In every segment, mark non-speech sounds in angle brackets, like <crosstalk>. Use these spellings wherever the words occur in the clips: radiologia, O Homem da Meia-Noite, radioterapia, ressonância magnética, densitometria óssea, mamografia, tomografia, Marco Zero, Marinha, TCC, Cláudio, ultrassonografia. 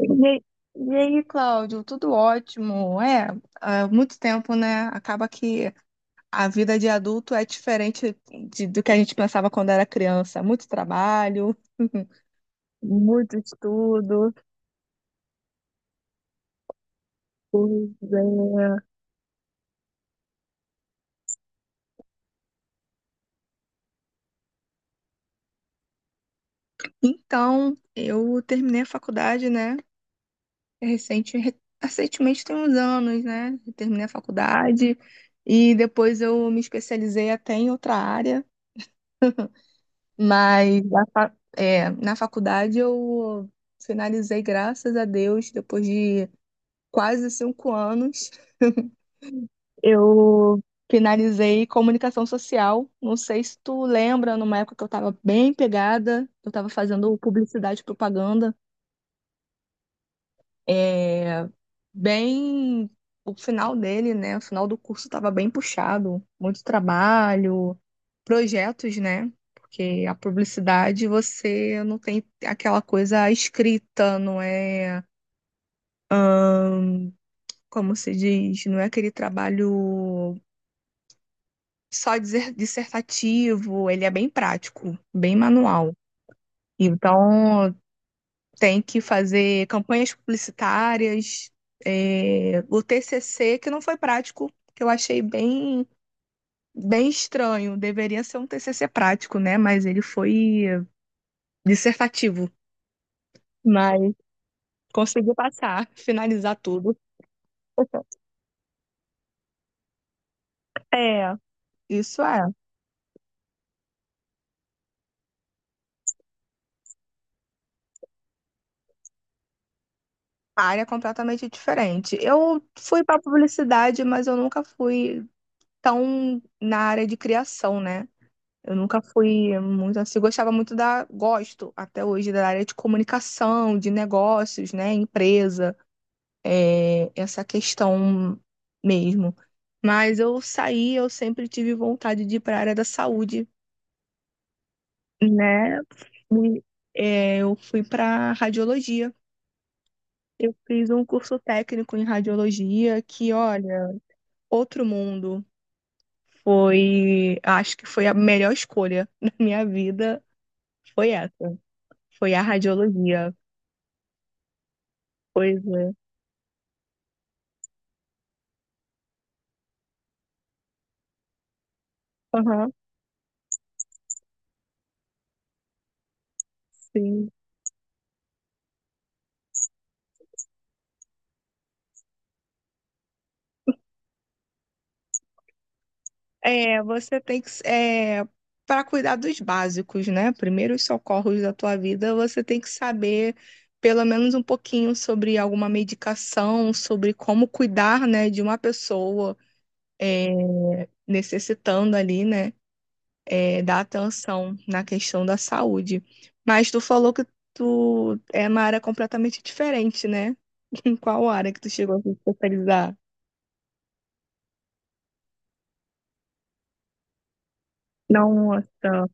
E aí, e aí, Cláudio, tudo ótimo. É, há muito tempo, né? Acaba que a vida de adulto é diferente do que a gente pensava quando era criança. Muito trabalho, <laughs> muito estudo. Pois é. Então, eu terminei a faculdade, né? Recente, re- recentemente tem uns anos, né? Eu terminei a faculdade e depois eu me especializei até em outra área. Mas na faculdade eu finalizei, graças a Deus, depois de quase 5 anos, eu finalizei comunicação social. Não sei se tu lembra, numa época que eu estava bem pegada, eu estava fazendo publicidade e propaganda. É, bem. O final dele, né? O final do curso estava bem puxado. Muito trabalho, projetos, né? Porque a publicidade você não tem aquela coisa escrita, não é. Como se diz? Não é aquele trabalho dissertativo, ele é bem prático, bem manual. Então, tem que fazer campanhas publicitárias, é, o TCC, que não foi prático, que eu achei bem. Bem estranho. Deveria ser um TCC prático, né? Mas ele foi dissertativo. Mas consegui passar, <laughs> finalizar tudo. É, isso é. A área é completamente diferente. Eu fui para publicidade, mas eu nunca fui tão na área de criação, né? Eu nunca fui muito assim, gostava muito da, gosto até hoje da área de comunicação, de negócios, né, empresa. Essa questão mesmo. Mas eu saí, eu sempre tive vontade de ir para a área da saúde, né? Fui- eu fui para radiologia. Eu fiz um curso técnico em radiologia que, olha, outro mundo. Foi, acho que foi a melhor escolha <laughs> da minha vida, foi essa. Foi a radiologia. Pois é. Aham. Sim. É, você tem que, para cuidar dos básicos, né? Primeiros socorros da tua vida, você tem que saber pelo menos um pouquinho sobre alguma medicação, sobre como cuidar, né, de uma pessoa é, necessitando ali, né, da atenção na questão da saúde. Mas tu falou que tu é uma área completamente diferente, né? <laughs> Em qual área que tu chegou a se especializar? Nossa.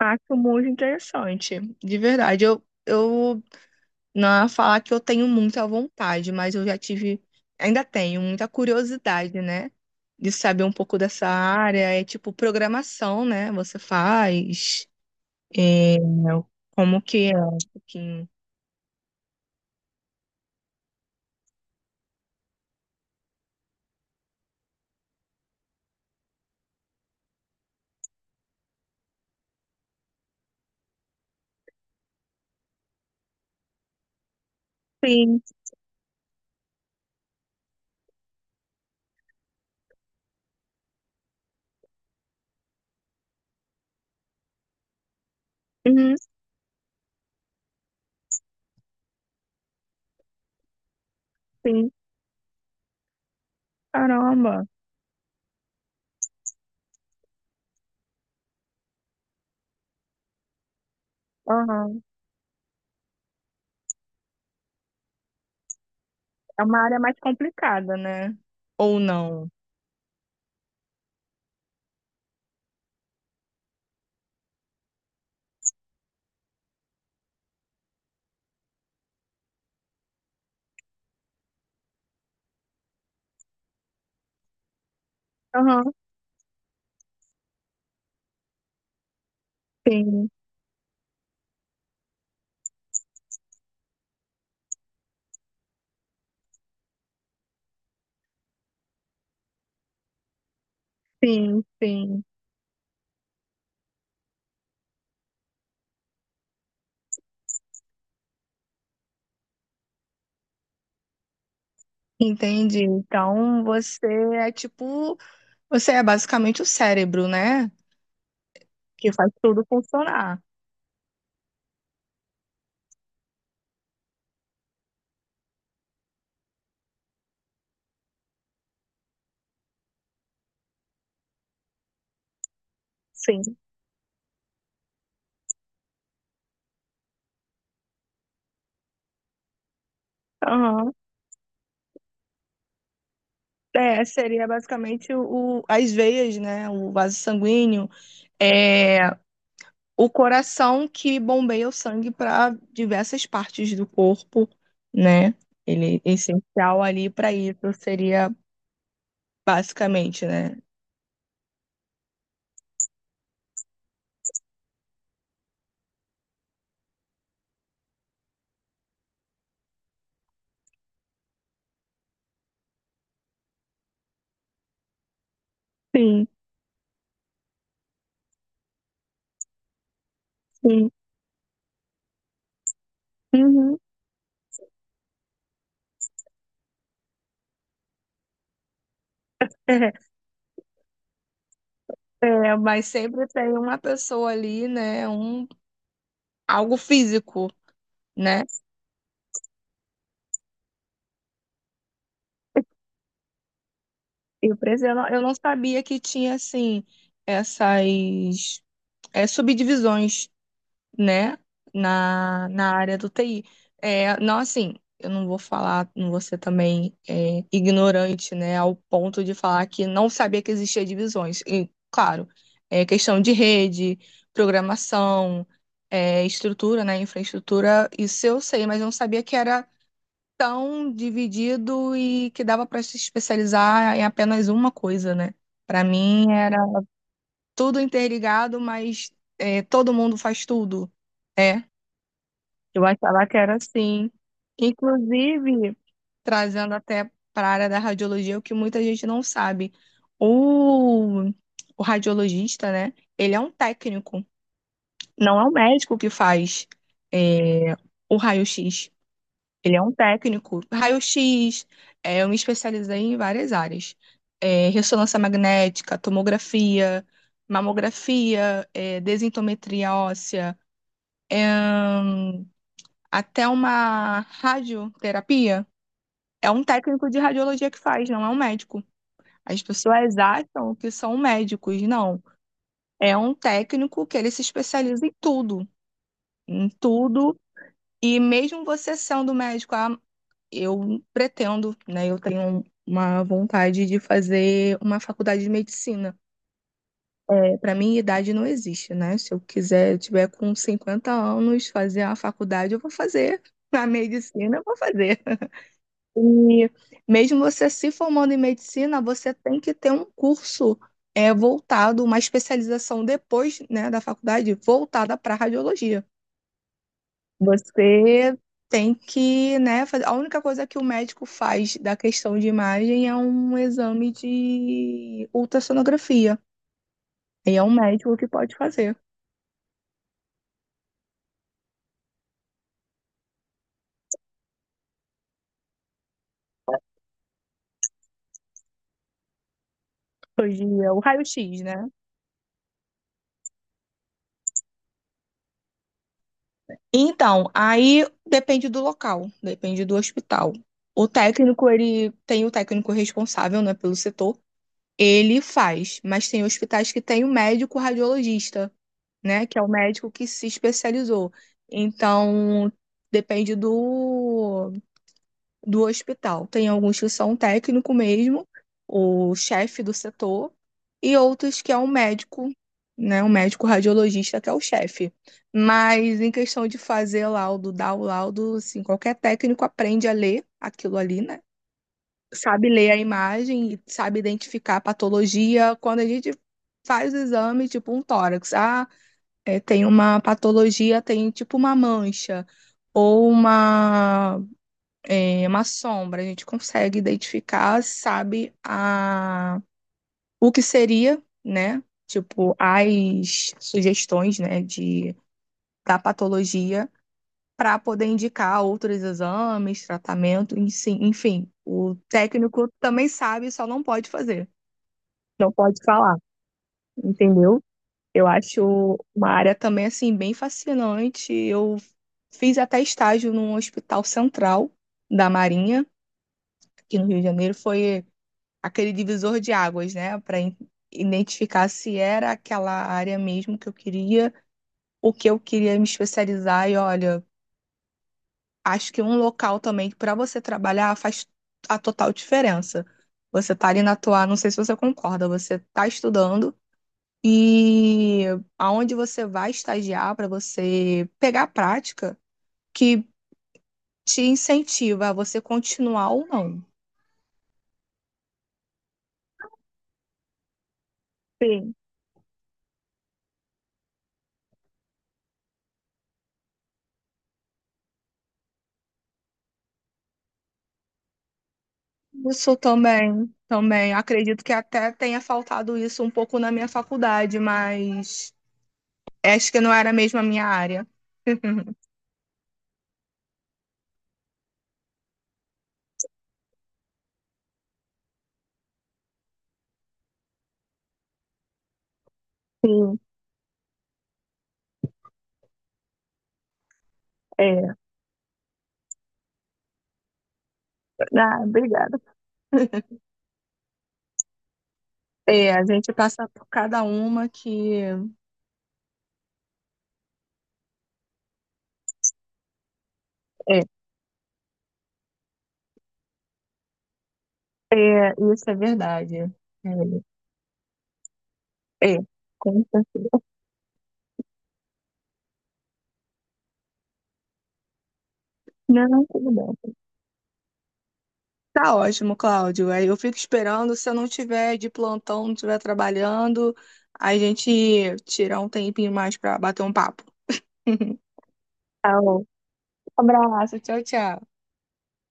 Acho muito interessante, de verdade. Eu não ia falar que eu tenho muita vontade, mas eu já tive, ainda tenho muita curiosidade, né? De saber um pouco dessa área. É tipo programação, né? Você faz, é, como que é um pouquinho. Sim, uhum, sim. Caramba. Aham. É uma área mais complicada, né? Ou não? Aham, sim, sim. Entendi. Então você é tipo. Você é basicamente o cérebro, né? Que faz tudo funcionar. Sim. Aham. É, seria basicamente as veias, né? O vaso sanguíneo, é o coração que bombeia o sangue para diversas partes do corpo, né? Ele é essencial ali para isso, seria basicamente, né? Sim, sim. Uhum. É, é, mas sempre tem uma pessoa ali, né? Um, algo físico, né? E o preço, eu não sabia que tinha, assim, essas subdivisões, né, na, na área do TI. É, não, assim, eu não vou falar, não vou ser também ignorante, né, ao ponto de falar que não sabia que existia divisões. E, claro, é questão de rede, programação, estrutura, né, infraestrutura, isso eu sei, mas eu não sabia que era tão dividido e que dava para se especializar em apenas uma coisa, né? Para mim era tudo interligado, mas é, todo mundo faz tudo. É, eu achava que era assim. Inclusive, trazendo até para a área da radiologia, o que muita gente não sabe, o, o radiologista, né? Ele é um técnico, não é o médico que faz é, o raio-x. Ele é um técnico. Raio-X, eu me especializei em várias áreas. É, ressonância magnética, tomografia, mamografia, desintometria óssea, é, hum, até uma radioterapia. É um técnico de radiologia que faz, não é um médico. As pessoas acham que são médicos, não. É um técnico que ele se especializa em tudo, em tudo. E mesmo você sendo médico, ah, eu pretendo, né? Eu tenho uma vontade de fazer uma faculdade de medicina. É, para mim, idade não existe, né? Se eu quiser, eu tiver com 50 anos, fazer a faculdade, eu vou fazer. <laughs> A medicina, eu vou fazer. <laughs> E mesmo você se formando em medicina, você tem que ter um curso uma especialização depois, né, da faculdade, voltada para radiologia. Você tem que, né, fazer. A única coisa que o médico faz da questão de imagem é um exame de ultrassonografia. E é um médico que pode fazer. Hoje é o raio-x, né? Então, aí depende do local, depende do hospital. O técnico, ele tem o técnico responsável, né, pelo setor. Ele faz, mas tem hospitais que tem o médico radiologista, né, que é o médico que se especializou. Então, depende do do hospital. Tem alguns que são técnico mesmo, o chefe do setor, e outros que é um médico, né, um médico radiologista que é o chefe. Mas em questão de fazer laudo, dar o laudo, assim, qualquer técnico aprende a ler aquilo ali, né? Sabe ler a imagem e sabe identificar a patologia. Quando a gente faz o exame, tipo um tórax, tem uma patologia, tem tipo uma mancha ou uma sombra, a gente consegue identificar, sabe a, o que seria, né? Tipo, as sugestões, né, de, da patologia para poder indicar outros exames, tratamento, enfim, o técnico também sabe, só não pode fazer, não pode falar, entendeu? Eu acho uma área também, assim, bem fascinante. Eu fiz até estágio num hospital central da Marinha, aqui no Rio de Janeiro. Foi aquele divisor de águas, né, para identificar se era aquela área mesmo que eu queria, o que eu queria me especializar e olha, acho que um local também para você trabalhar faz a total diferença. Você tá ali na tua, não sei se você concorda, você tá estudando e aonde você vai estagiar para você pegar a prática que te incentiva a você continuar ou não. Isso também, também. Acredito que até tenha faltado isso um pouco na minha faculdade, mas acho que não era mesmo a minha área. <laughs> Sim, é. Ah, obrigada. É, a gente passa por cada uma que. É, é, isso é verdade. É, é. Conta. Não, tudo bem. Tá ótimo, Cláudio. Aí eu fico esperando. Se eu não tiver de plantão, não estiver trabalhando, a gente tira um tempinho mais para bater um papo. <laughs> Tá. Abraço, tchau, tchau.